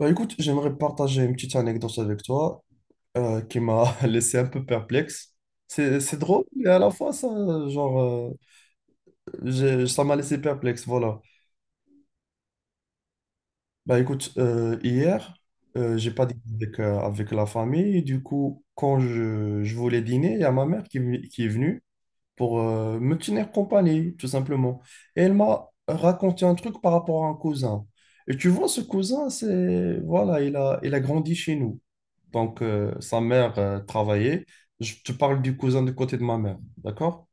Bah écoute, j'aimerais partager une petite anecdote avec toi qui m'a laissé un peu perplexe. C'est drôle, mais à la fois, ça, genre, ça m'a laissé perplexe, voilà. Bah écoute, hier, j'ai pas dîné avec la famille. Du coup, quand je voulais dîner, il y a ma mère qui est venue pour me tenir compagnie, tout simplement. Et elle m'a raconté un truc par rapport à un cousin. Et tu vois, ce cousin, c'est, voilà, il a grandi chez nous. Donc, sa mère travaillait. Je te parle du cousin du côté de ma mère, d'accord?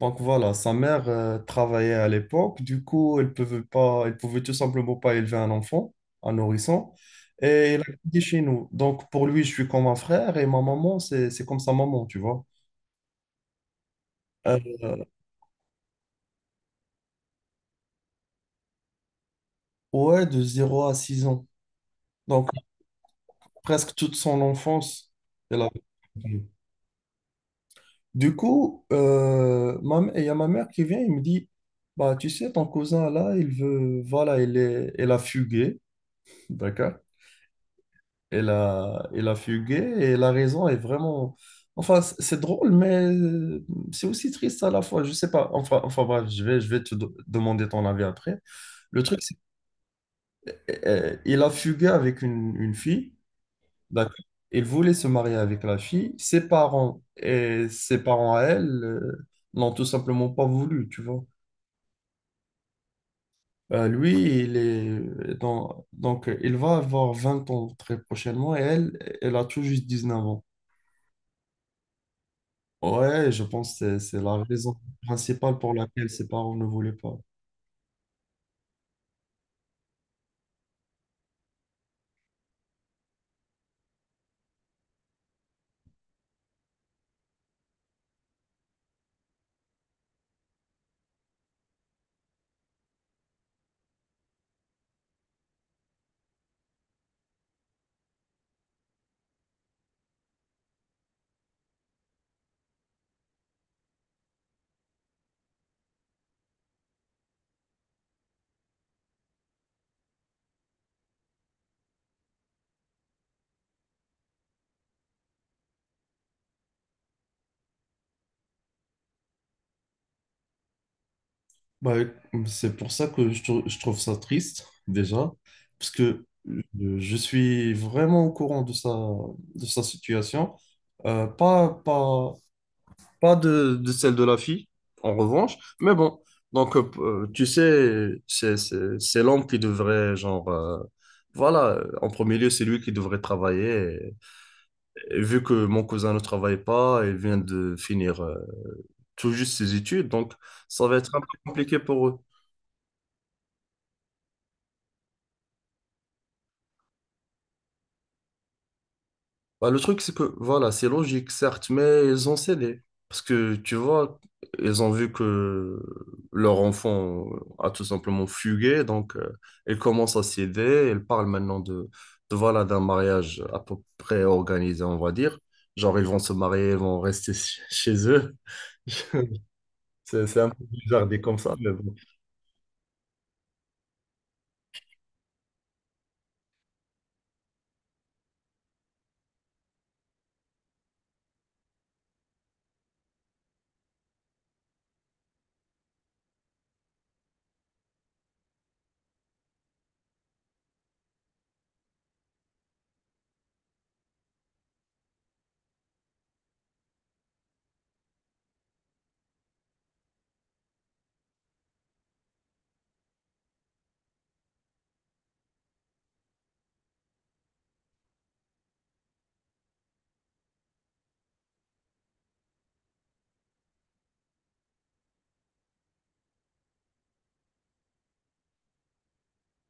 Donc voilà, sa mère travaillait à l'époque. Du coup, elle pouvait tout simplement pas élever un enfant, un nourrisson. Et elle a grandi chez nous. Donc pour lui, je suis comme un frère et ma maman, c'est comme sa maman, tu vois. Euh, ouais, de 0 à 6 ans. Donc presque toute son enfance, elle a. Du coup, il y a ma mère qui vient, il me dit, bah, tu sais, ton cousin là, voilà, elle a fugué, d'accord? Elle a fugué et la raison est vraiment, enfin, c'est drôle, mais c'est aussi triste à la fois, je sais pas, enfin, bref, je vais te demander ton avis après. Le truc, c'est qu'il a fugué avec une fille. D'accord. Il voulait se marier avec la fille. Ses parents et ses parents à elle n'ont tout simplement pas voulu, tu vois. Lui, il est dans. Donc il va avoir 20 ans très prochainement et elle a tout juste 19 ans. Ouais, je pense que c'est la raison principale pour laquelle ses parents ne voulaient pas. Bah, c'est pour ça que je trouve ça triste, déjà, parce que je suis vraiment au courant de sa situation. Euh, pas, pas, Pas de celle de la fille, en revanche. Mais bon, donc, tu sais, c'est l'homme qui devrait, genre, voilà, en premier lieu, c'est lui qui devrait travailler. Et vu que mon cousin ne travaille pas et vient de finir tout juste ses études, donc ça va être un peu compliqué pour eux. Bah, le truc, c'est que, voilà, c'est logique, certes, mais ils ont cédé. Parce que, tu vois, ils ont vu que leur enfant a tout simplement fugué, donc ils commencent à céder. Ils parlent maintenant voilà, d'un mariage à peu près organisé, on va dire. Genre, ils vont se marier, ils vont rester chez eux. C'est un peu bizarre dit comme ça, mais bon.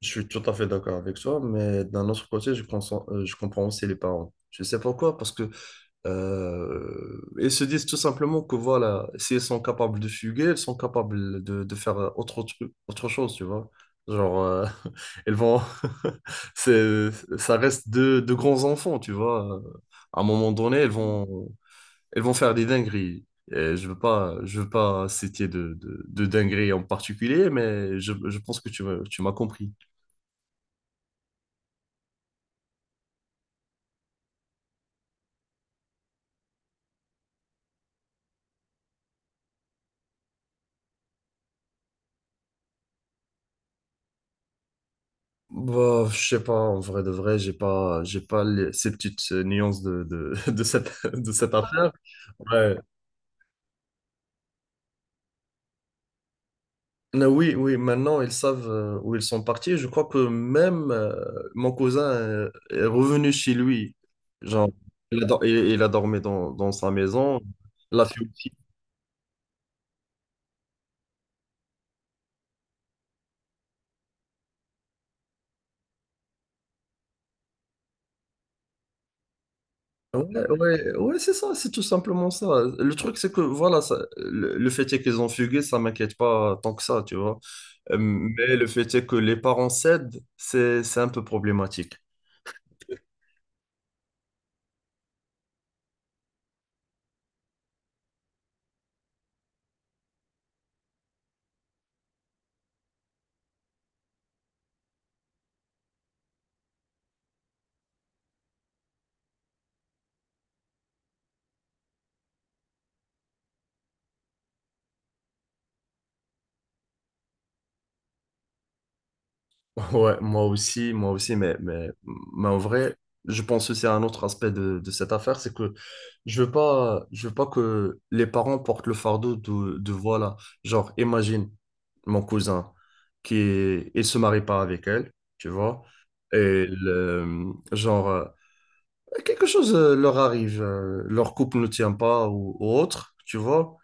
Je suis tout à fait d'accord avec toi, mais d'un autre côté, je pense, je comprends aussi les parents. Je sais pourquoi, parce que ils se disent tout simplement que voilà, si elles sont capables de fuguer, elles sont capables de faire autre truc, autre chose, tu vois. Genre, elles vont. c'est, ça reste de grands enfants, tu vois. À un moment donné, elles vont faire des dingueries. Et je veux pas citer de dingueries en particulier, mais je pense que tu m'as compris. Bah, je sais pas, en vrai de vrai, j'ai pas ces petites nuances de cette affaire. Ouais. Mais oui, oui, maintenant ils savent où ils sont partis. Je crois que même mon cousin est revenu chez lui. Genre, il a dormi dans sa maison. La fille Ouais, ouais, ouais, c'est ça, c'est tout simplement ça. Le truc, c'est que voilà, le fait est qu'ils ont fugué, ça m'inquiète pas tant que ça, tu vois. Mais le fait est que les parents cèdent, c'est un peu problématique. Ouais, moi aussi, mais en vrai, je pense aussi à un autre aspect de cette affaire, c'est que je veux pas que les parents portent le fardeau de voilà, genre, imagine mon cousin il se marie pas avec elle, tu vois, et le- genre, quelque chose leur arrive, leur couple ne tient pas ou autre, tu vois,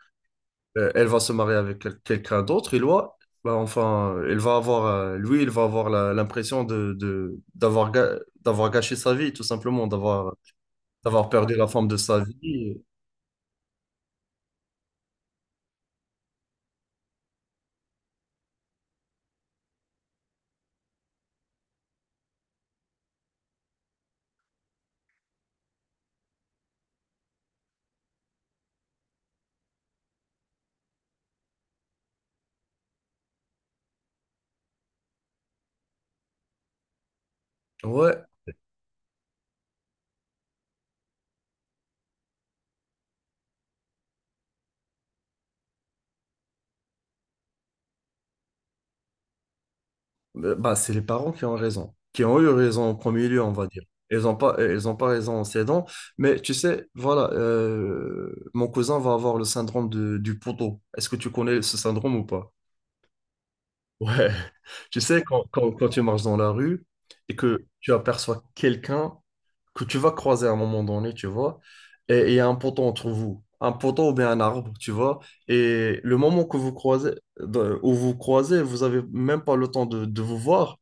elle va se marier avec quelqu'un d'autre, et loi, bah, enfin, elle va avoir, lui, il va avoir l'impression d'avoir gâché sa vie, tout simplement, d'avoir perdu la forme de sa vie. Ouais, bah, c'est les parents qui ont raison, qui ont eu raison en premier lieu, on va dire. Ils ont pas raison en s'aidant, mais tu sais, voilà, mon cousin va avoir le syndrome du poteau. Est-ce que tu connais ce syndrome ou pas? Ouais. Tu sais, quand tu marches dans la rue et que tu aperçois quelqu'un que tu vas croiser à un moment donné, tu vois, et il y a un poteau entre vous, un poteau ou bien un arbre, tu vois, et le moment que vous croisez, où vous croisez, vous avez même pas le temps de vous voir,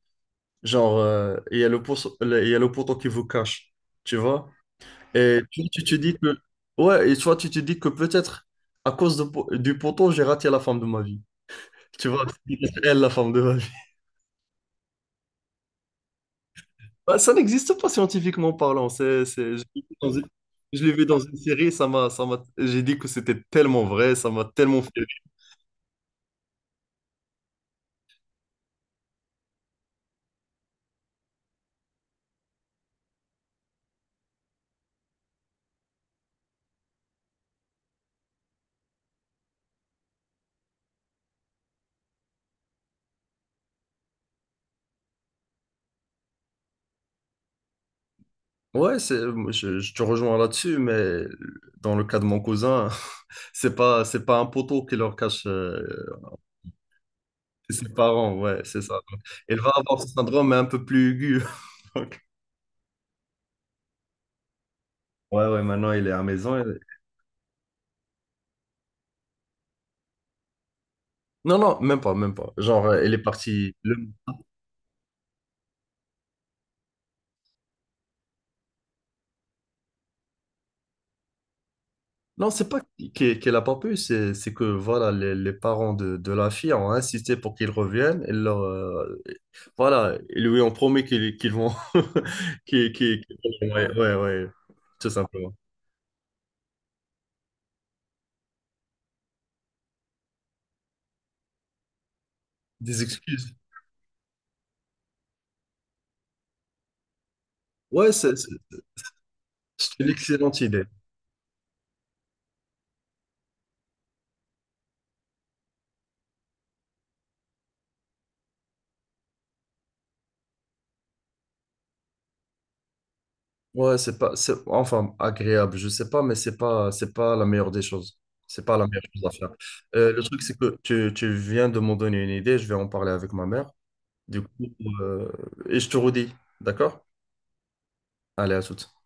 genre, il y a le poteau, il y a le poteau qui vous cache, tu vois, et tu te dis que, ouais, et toi, tu te dis que peut-être à cause du poteau, j'ai raté la femme de ma vie, tu vois, elle la femme de ma vie. Bah, ça n'existe pas scientifiquement parlant. Je l'ai vu dans une série, ça m'a, j'ai dit que c'était tellement vrai, ça m'a tellement fait rire. Ouais, moi, je te rejoins là-dessus, mais dans le cas de mon cousin, c'est pas un poteau qui leur cache ses parents, ouais, c'est ça. Donc, elle va avoir ce syndrome mais un peu plus aigu. Donc, ouais, ouais, maintenant il est à la maison. Elle Non, non, même pas, même pas. Genre, elle est partie. Le Non, c'est pas qu'elle a pas pu, c'est que voilà, les parents de la fille ont insisté pour qu'ils reviennent. Et voilà, ils lui ont promis qu'ils vont. Ouais, ouais, ouais, tout simplement. Des excuses. Ouais, c'est une excellente idée. Ouais, c'est pas, c'est enfin agréable, je sais pas, mais c'est pas la meilleure des choses. C'est pas la meilleure chose à faire. Le truc, c'est que tu viens de m'en donner une idée, je vais en parler avec ma mère. Du coup, euh, et je te redis, d'accord? Allez, à toutes.